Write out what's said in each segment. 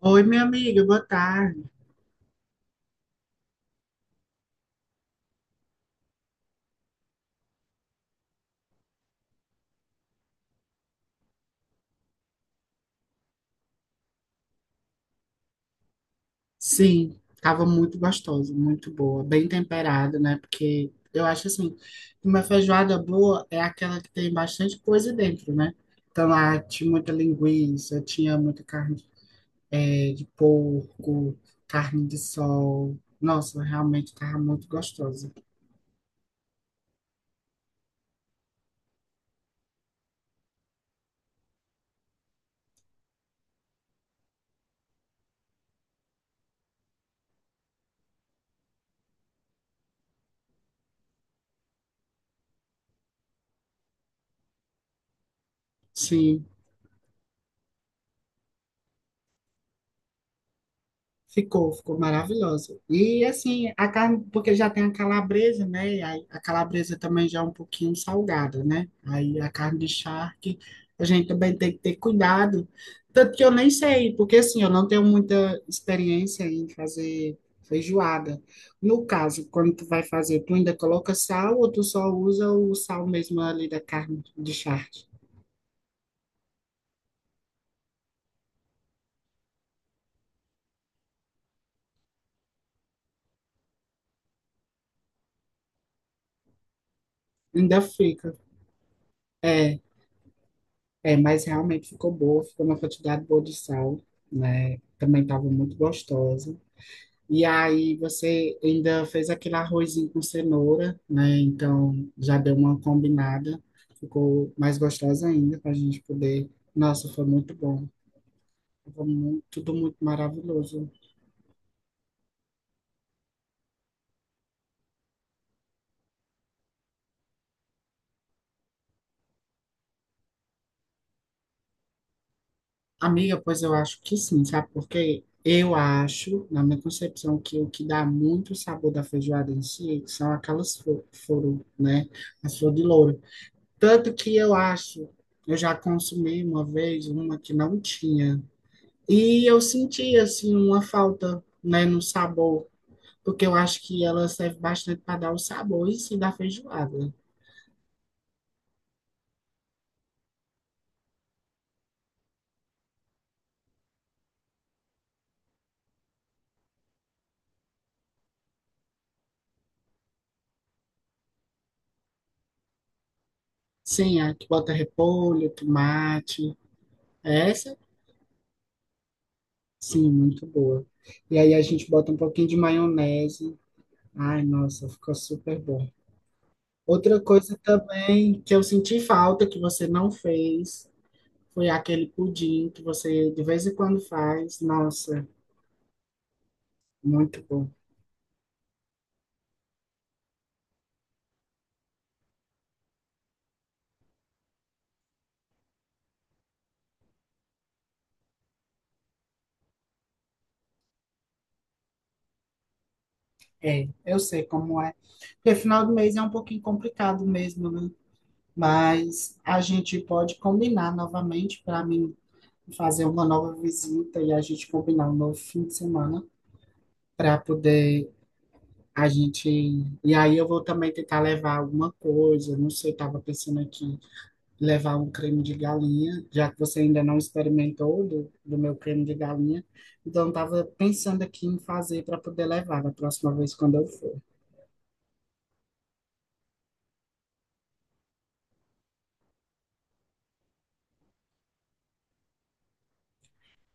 Oi, minha amiga, boa tarde. Sim, estava muito gostosa, muito boa, bem temperada, né? Porque eu acho assim, uma feijoada boa é aquela que tem bastante coisa dentro, né? Então lá tinha muita linguiça, tinha muita carne de porco, carne de sol. Nossa, realmente estava muito gostosa. Sim, ficou maravilhosa. E assim, a carne, porque já tem a calabresa, né? E aí a calabresa também já é um pouquinho salgada, né? Aí a carne de charque, a gente também tem que ter cuidado. Tanto que eu nem sei, porque assim, eu não tenho muita experiência em fazer feijoada. No caso, quando tu vai fazer, tu ainda coloca sal ou tu só usa o sal mesmo ali da carne de charque? Ainda fica. É, É, mas realmente ficou boa, ficou uma quantidade boa de sal, né? Também estava muito gostosa. E aí você ainda fez aquele arrozinho com cenoura, né? Então já deu uma combinada, ficou mais gostosa ainda para a gente poder. Nossa, foi muito bom. Tudo muito maravilhoso. Amiga, pois eu acho que sim, sabe por quê? Eu acho, na minha concepção, que o que dá muito sabor da feijoada em si são aquelas flores, né? As flores de louro. Tanto que eu acho, eu já consumi uma vez uma que não tinha. E eu senti, assim, uma falta, né, no sabor, porque eu acho que ela serve bastante para dar o sabor e sim da feijoada. Sim, a que bota repolho, tomate. Essa, sim, muito boa. E aí a gente bota um pouquinho de maionese. Ai, nossa, ficou super bom. Outra coisa também que eu senti falta, que você não fez, foi aquele pudim que você de vez em quando faz. Nossa, muito bom. É, eu sei como é. Porque final do mês é um pouquinho complicado mesmo, né? Mas a gente pode combinar novamente para mim fazer uma nova visita e a gente combinar um novo fim de semana para poder a gente. E aí eu vou também tentar levar alguma coisa. Não sei, estava pensando aqui levar um creme de galinha, já que você ainda não experimentou do meu creme de galinha. Então, estava pensando aqui em fazer para poder levar da próxima vez quando eu for.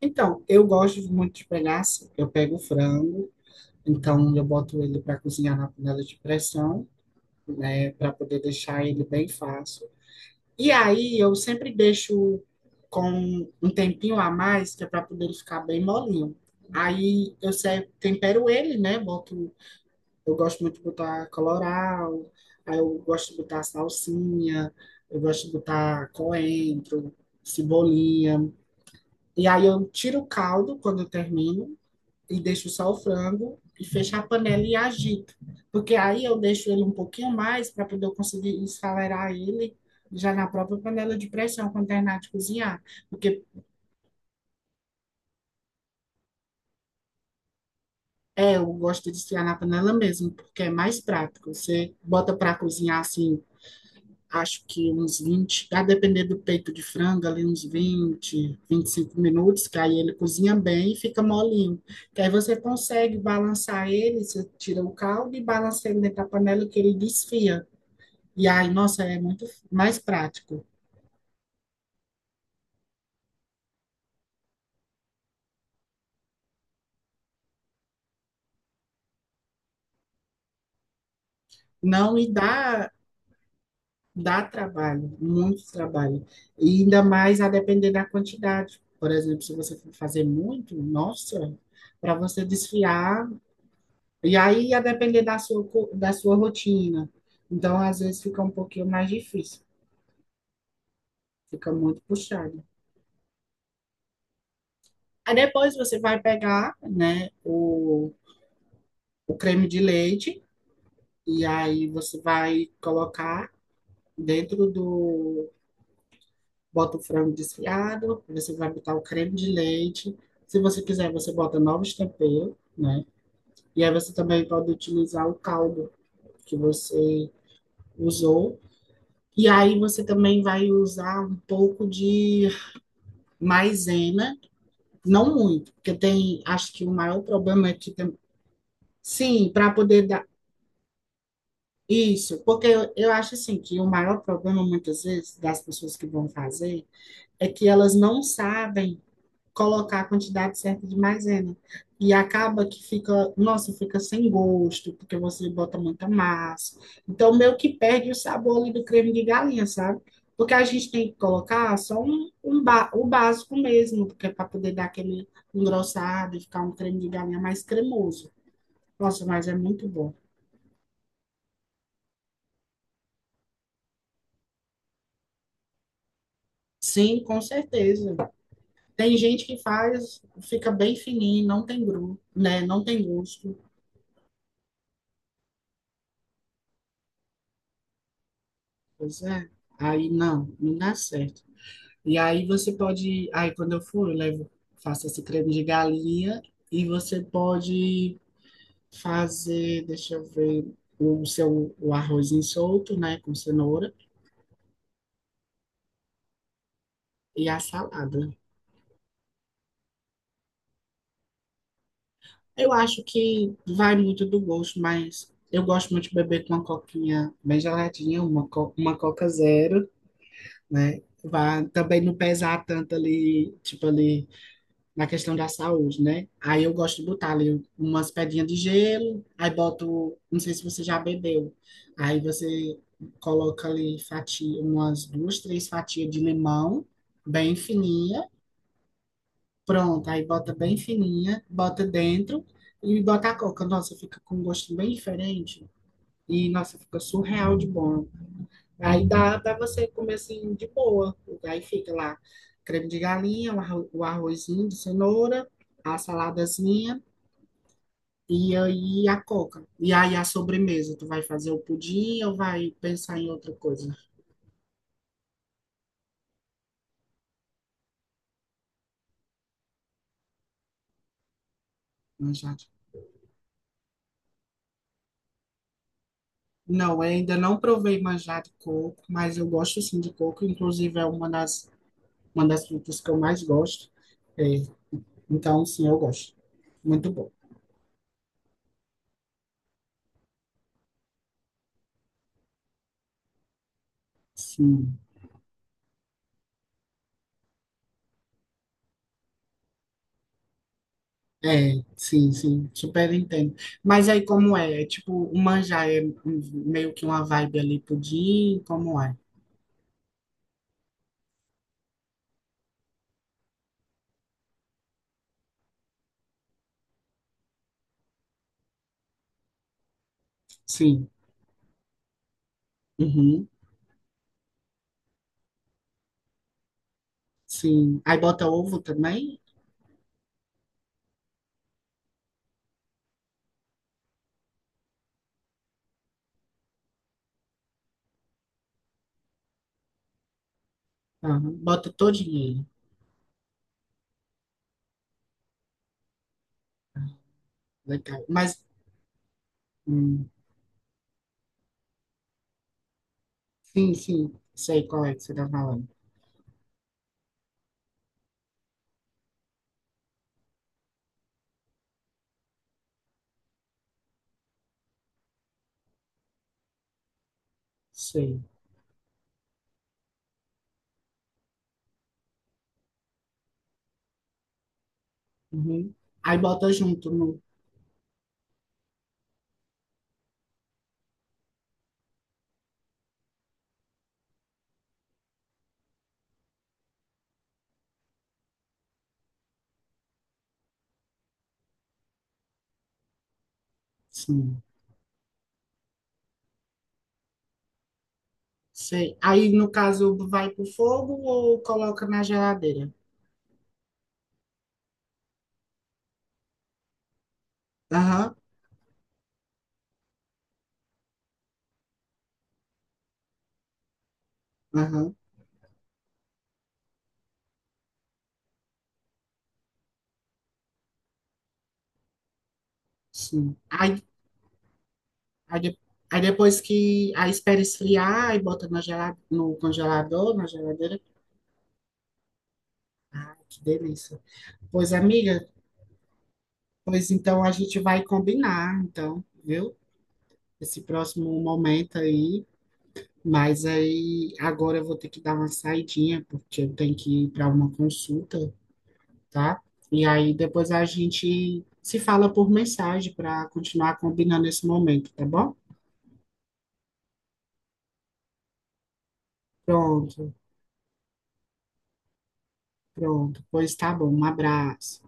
Então, eu gosto muito de pegar assim, eu pego o frango, então eu boto ele para cozinhar na panela de pressão, né, para poder deixar ele bem fácil. E aí eu sempre deixo com um tempinho a mais, que é para poder ele ficar bem molinho. Aí eu se- Tempero ele, né? Boto, eu gosto muito de botar colorau, aí eu gosto de botar salsinha, eu gosto de botar coentro, cebolinha. E aí eu tiro o caldo quando eu termino e deixo só o frango e fecho a panela e agito. Porque aí eu deixo ele um pouquinho mais para poder eu conseguir esfalear ele já na própria panela de pressão quando terminar de cozinhar. Porque é, eu gosto de esfriar na panela mesmo, porque é mais prático. Você bota para cozinhar assim acho que uns 20, a depender do peito de frango, ali uns 20, 25 minutos, que aí ele cozinha bem e fica molinho. Que aí você consegue balançar ele, você tira o caldo e balança ele dentro da panela que ele desfia. E aí, nossa, é muito mais prático. Não, e dá, Dá trabalho, muito trabalho. E ainda mais a depender da quantidade. Por exemplo, se você for fazer muito, nossa, para você desfiar. E aí ia depender da sua, da sua rotina. Então, às vezes fica um pouquinho mais difícil, fica muito puxado. Aí depois você vai pegar, né, o creme de leite e aí você vai colocar dentro do... Bota o frango desfiado, você vai botar o creme de leite. Se você quiser, você bota novos temperos, né? E aí você também pode utilizar o caldo que você usou. E aí você também vai usar um pouco de maisena, não muito, porque tem, acho que o maior problema é que tem, sim, para poder dar isso, porque eu acho assim que o maior problema muitas vezes das pessoas que vão fazer é que elas não sabem colocar a quantidade certa de maisena. E acaba que fica, nossa, fica sem gosto, porque você bota muita massa. Então, meio que perde o sabor ali do creme de galinha, sabe? Porque a gente tem que colocar só o básico mesmo, porque é para poder dar aquele engrossado e ficar um creme de galinha mais cremoso. Nossa, mas é muito bom. Sim, com certeza. Tem gente que faz, fica bem fininho, não tem gru, né? Não tem gosto. Pois é. Aí não dá certo. E aí você pode, aí quando eu for, eu levo, faço esse creme de galinha e você pode fazer, deixa eu ver, o arrozinho solto, né, com cenoura e a salada. Eu acho que vai muito do gosto, mas eu gosto muito de beber com uma coquinha bem geladinha, uma, uma Coca Zero, né? Vai também não pesar tanto ali, tipo ali na questão da saúde, né? Aí eu gosto de botar ali umas pedrinhas de gelo, aí boto, não sei se você já bebeu, aí você coloca ali fatia, umas duas, três fatias de limão, bem fininha, pronto, aí bota bem fininha, bota dentro e bota a coca. Nossa, fica com um gosto bem diferente e, nossa, fica surreal de bom. Aí dá, dá você comer assim de boa. Aí fica lá creme de galinha, o arrozinho de cenoura, a saladazinha e aí a coca. E aí a sobremesa, tu vai fazer o pudim ou vai pensar em outra coisa? Manjado. Não, eu ainda não provei manjado de coco, mas eu gosto sim de coco, inclusive é uma das frutas que eu mais gosto. É, então, sim, eu gosto. Muito bom. Sim. É, sim, super entendo. Mas aí como é? É tipo, o manjar é meio que uma vibe ali pudim, como é? Sim, uhum, sim. Aí bota ovo também? Aham, bota todinho ele. Legal. Mas, hum, sim, sei qual é que você tá falando. Sei. Uhum. Aí bota junto no... Sim, sei. Aí, no caso, vai pro fogo ou coloca na geladeira? Aham, aham, sim. Aí Aí, de- aí depois que. Aí espera esfriar e bota no congelador, na geladeira. Que delícia. Pois, amiga, pois então a gente vai combinar, então, viu? Esse próximo momento aí. Mas aí agora eu vou ter que dar uma saidinha, porque eu tenho que ir para uma consulta, tá? E aí depois a gente se fala por mensagem para continuar combinando esse momento, tá bom? Pronto, pronto. Pois tá bom. Um abraço.